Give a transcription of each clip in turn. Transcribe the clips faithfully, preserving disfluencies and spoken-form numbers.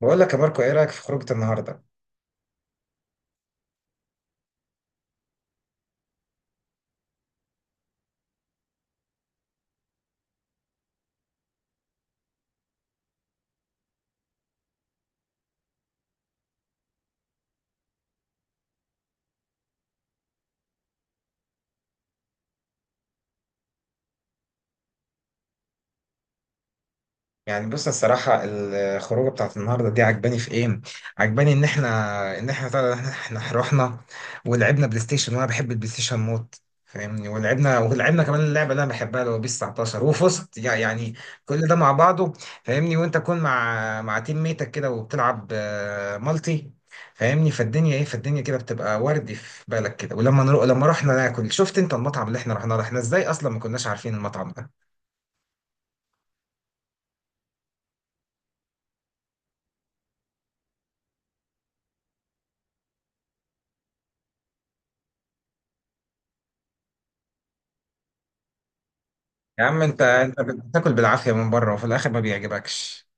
بقول لك يا ماركو ايه رايك في خروجه النهارده؟ يعني بص الصراحه الخروجه بتاعت النهارده دي عجباني في ايه. عجباني ان احنا ان احنا طلع ان احنا رحنا ولعبنا بلاي ستيشن، وانا بحب البلاي ستيشن موت. فاهمني؟ ولعبنا ولعبنا كمان اللعبه اللي انا بحبها اللي هو بيس تسعتاشر، وفزت يع- يعني. كل ده مع بعضه. فاهمني؟ وانت تكون مع مع تيم ميتك كده وبتلعب آه، مالتي. فاهمني؟ فالدنيا ايه، فالدنيا كده بتبقى وردي في بالك كده. ولما نروح لما رحنا ناكل شفت انت المطعم اللي احنا رحنا له، احنا ازاي اصلا ما كناش عارفين المطعم ده؟ يا عم انت انت بتاكل بالعافيه من بره وفي الاخر ما بيعجبكش.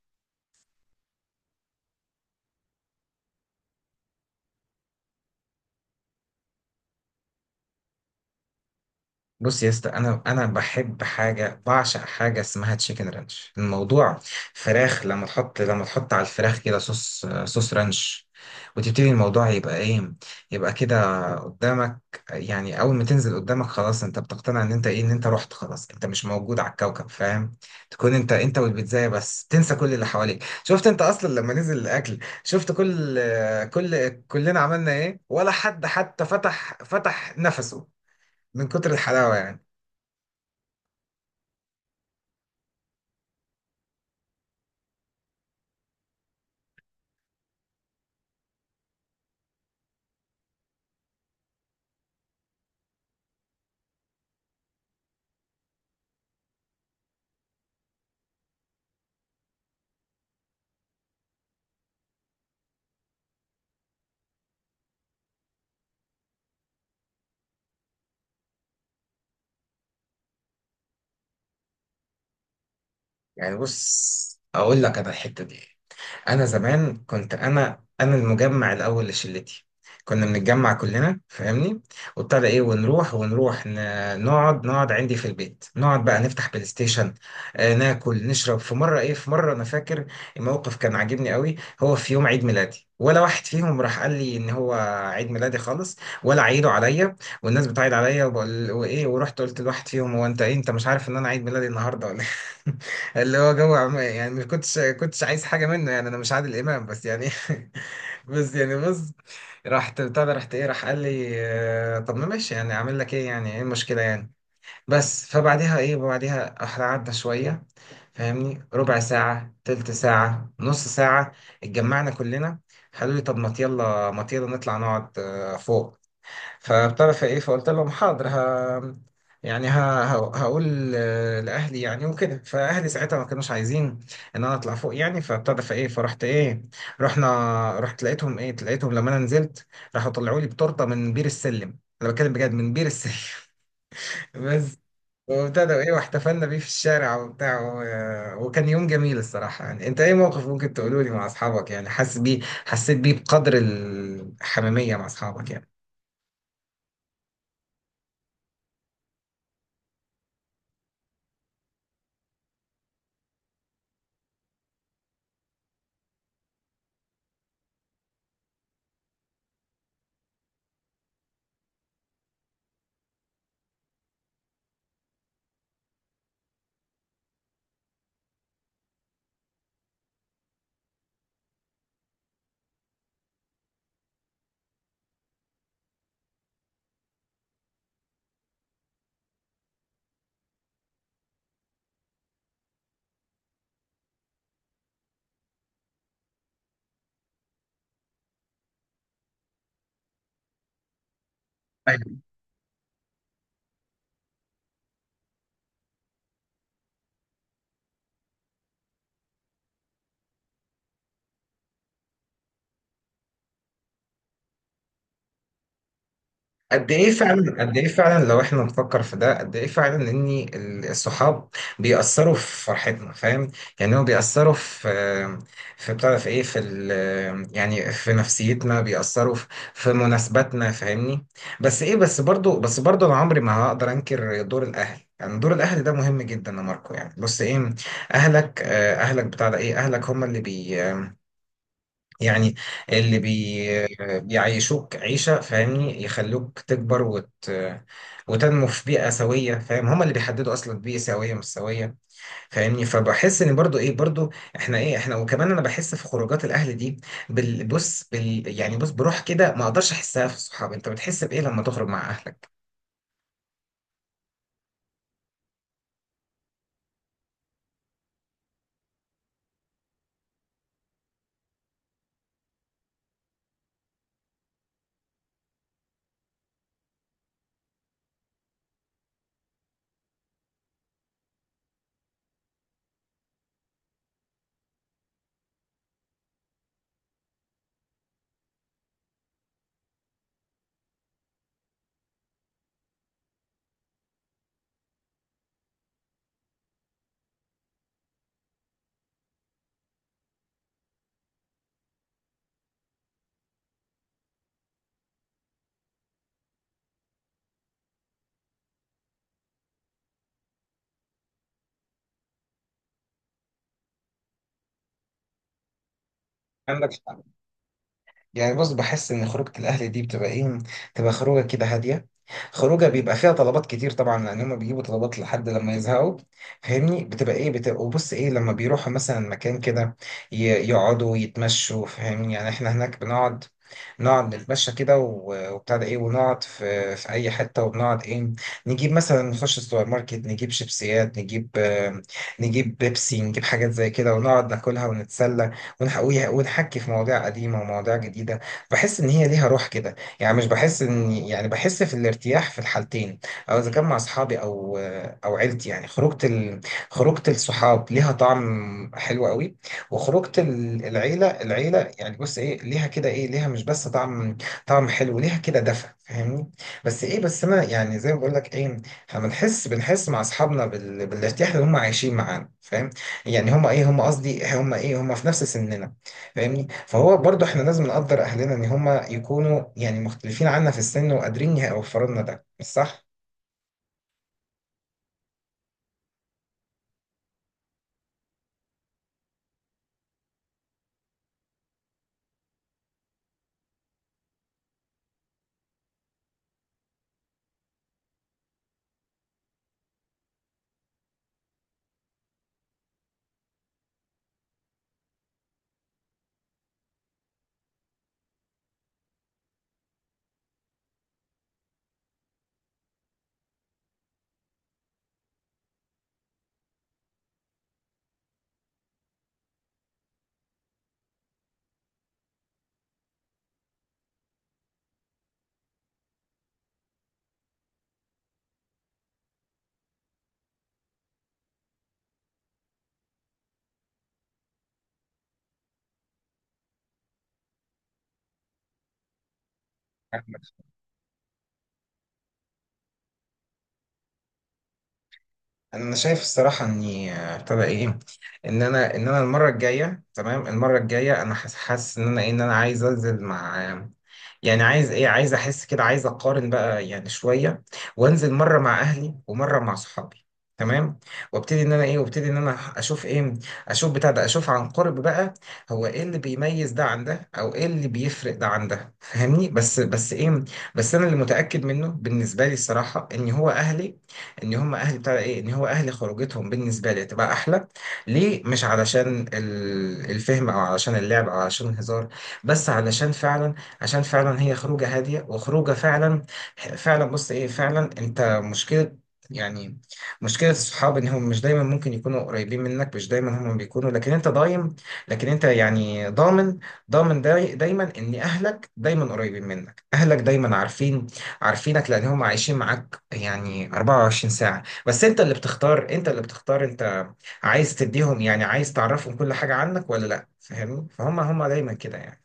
بص يا اسطى، انا انا بحب حاجه، بعشق حاجه اسمها تشيكن رانش. الموضوع فراخ، لما تحط لما تحط على الفراخ كده صوص، صوص رانش، وتبتدي الموضوع يبقى ايه، يبقى كده قدامك. يعني اول ما تنزل قدامك خلاص انت بتقتنع ان انت ايه، ان انت رحت، خلاص انت مش موجود على الكوكب. فاهم؟ تكون انت انت والبيتزايه بس، تنسى كل اللي حواليك. شفت انت اصلا لما نزل الاكل، شفت كل، كل كلنا عملنا ايه؟ ولا حد حتى فتح، فتح نفسه من كتر الحلاوه يعني. يعني بص، اقول لك انا الحته دي، انا زمان كنت انا انا المجمع الاول لشلتي. كنا بنتجمع كلنا. فاهمني؟ وابتدى ايه، ونروح، ونروح ن- نقعد، نقعد عندي في البيت، نقعد بقى نفتح بلاي ستيشن. آه ناكل نشرب. في مره ايه، في مره انا فاكر الموقف كان عاجبني قوي. هو في يوم عيد ميلادي ولا واحد فيهم راح قال لي ان هو عيد ميلادي خالص، ولا عيدوا عليا والناس بتعيد عليا، وبقول وايه. ورحت قلت لواحد فيهم: هو انت ايه، انت مش عارف ان انا عيد ميلادي النهارده ولا إيه؟ اللي هو جو عم- يعني مش كنتش كنتش عايز حاجه منه. يعني انا مش عادل امام بس يعني بس يعني بص، رحت بتاع ده، رحت ايه، راح قال لي آه، طب ما ماشي، يعني اعمل لك ايه؟ يعني ايه المشكله يعني؟ بس فبعديها ايه، بعديها احنا قعدنا شويه. فاهمني؟ ربع ساعه، تلت ساعه، نص ساعه، اتجمعنا كلنا. قالوا لي: طب ما يلا، ما يلا نطلع نقعد آه، فوق. فبتعرف ايه، فقلت لهم حاضر ها، يعني ها ها- هقول آه، لاهلي يعني، وكده. فاهلي ساعتها ما كانوش عايزين ان انا اطلع فوق. يعني فبتعرف ايه، فرحت ايه، رحنا رحت لقيتهم ايه، لقيتهم لما انا نزلت، راحوا طلعوا لي بتورته من بير السلم، انا بتكلم بجد من بير السلم بس وابتدى ايه، واحتفلنا بيه في الشارع وبتاع، و- وكان يوم جميل الصراحة. يعني انت ايه موقف ممكن تقوله لي مع اصحابك يعني حاسس بيه، حسيت بيه بقدر الحميمية مع اصحابك يعني؟ قد ايه فعلا، قد ايه فعلا لو احنا نفكر في ده، قد ايه فعلا ان ال- الصحاب بيأثروا في فرحتنا. فاهم؟ يعني هو بيأثروا في، في بتاع ده، في ايه، في ال، يعني في نفسيتنا، بيأثروا في في مناسباتنا. فاهمني؟ بس ايه بس برضو بس برضو انا عمري ما هقدر انكر دور الاهل. يعني دور الاهل ده مهم جدا يا ماركو. يعني بص ايه، اهلك آه، اهلك بتاع ده ايه، اهلك هم اللي بي، يعني اللي بي... بيعيشوك عيشة. فاهمني؟ يخلوك تكبر وت... وتنمو في بيئة سوية. فاهم؟ هما اللي بيحددوا أصلا بيئة سوية مش سوية. فاهمني؟ فبحس إن برضو إيه، برضو إحنا إيه، إحنا وكمان أنا بحس في خروجات الأهل دي بال... بص بال... يعني بص بروح كده ما أقدرش أحسها في الصحاب. أنت بتحس بإيه لما تخرج مع أهلك؟ عندك يعني بص، بحس ان خروجة الاهل دي بتبقى ايه، بتبقى خروجة كده هادية، خروجة بيبقى فيها طلبات كتير طبعا لان هم بيجيبوا طلبات لحد لما يزهقوا. فاهمني؟ بتبقى ايه، بتبقى وبص ايه، لما بيروحوا مثلا مكان كده ي- يقعدوا يتمشوا. فاهمني؟ يعني احنا هناك بنقعد، نقعد نتمشى كده و- وبتاع ده ايه، ونقعد في في اي حته، وبنقعد ايه، نجيب مثلا، نخش السوبر ماركت، نجيب شيبسيات، نجيب آه، نجيب بيبسي، نجيب حاجات زي كده ونقعد ناكلها ونتسلى ونح... وي- ونحكي في مواضيع قديمة ومواضيع جديدة. بحس إن هي ليها روح كده. يعني مش بحس إن يعني، بحس في الارتياح في الحالتين، أو إذا كان مع أصحابي أو أو عيلتي. يعني خروجة ال... خروجة الصحاب ليها طعم حلو قوي، وخروجة ال- العيلة، العيلة يعني بص إيه، ليها كده إيه، ليها مش بس طعم، طعم حلو، ليها كده دفى. فاهمني؟ بس إيه، بس أنا يعني زي ما بقول لك إيه، احنا بنحس، بنحس مع أصحابنا بال... بالارتياح اللي هم عايشين معانا. فاهم؟ يعني هما ايه، هما قصدي هما ايه، هما في نفس سننا. فاهمني؟ فهو برضو احنا لازم نقدر اهلنا ان هما يكونوا يعني مختلفين عنا في السن وقادرين يوفروا لنا ده، مش صح؟ انا شايف الصراحه اني آه، ابتدى ايه، ان انا ان انا المره الجايه، تمام، المره الجايه انا حاس- حاسس ان انا ايه، ان انا عايز انزل مع آه، يعني عايز ايه، عايز احس كده، عايز اقارن بقى يعني شويه، وانزل مره مع اهلي ومره مع صحابي، تمام. وابتدي ان انا ايه، وابتدي ان انا اشوف ايه، اشوف بتاع ده، اشوف عن قرب بقى، هو ايه اللي بيميز ده عن ده، او ايه اللي بيفرق ده عن ده. فاهمني؟ بس بس ايه بس انا اللي متاكد منه بالنسبه لي الصراحه ان هو اهلي، ان هم اهل بتاع ايه، ان هو اهل خروجتهم بالنسبه لي تبقى احلى. ليه؟ مش علشان ال- الفهم او علشان اللعب او علشان الهزار، بس علشان فعلا، عشان فعلا هي خروجه هاديه وخروجه فعلا فعلا. بص ايه، فعلا انت مشكله يعني، مشكلة الصحاب إن هم مش دايما ممكن يكونوا قريبين منك، مش دايما هم بيكونوا لكن أنت ضايم، لكن أنت يعني ضامن، ضامن داي دايما إن أهلك دايما قريبين منك، أهلك دايما عارفين، عارفينك لأن هم عايشين معاك يعني اربعة وعشرين ساعة. بس انت اللي بتختار، انت اللي بتختار انت عايز تديهم يعني، عايز تعرفهم كل حاجة عنك ولا لا. فاهمني؟ فهم هم دايما كده يعني.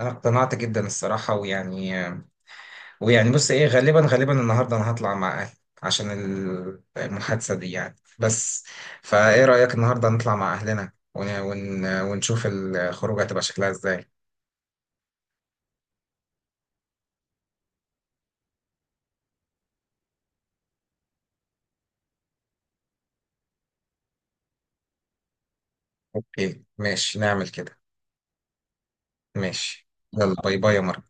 انا اقتنعت جدا الصراحة ويعني، ويعني بص ايه، غالبا غالبا النهاردة انا هطلع مع اهلي عشان ال- المحادثة دي يعني بس. فايه رأيك النهاردة نطلع مع اهلنا ون... ون... ونشوف الخروج هتبقى شكلها ازاي؟ اوكي ماشي، نعمل كده. ماشي، يلا باي باي يا مارك.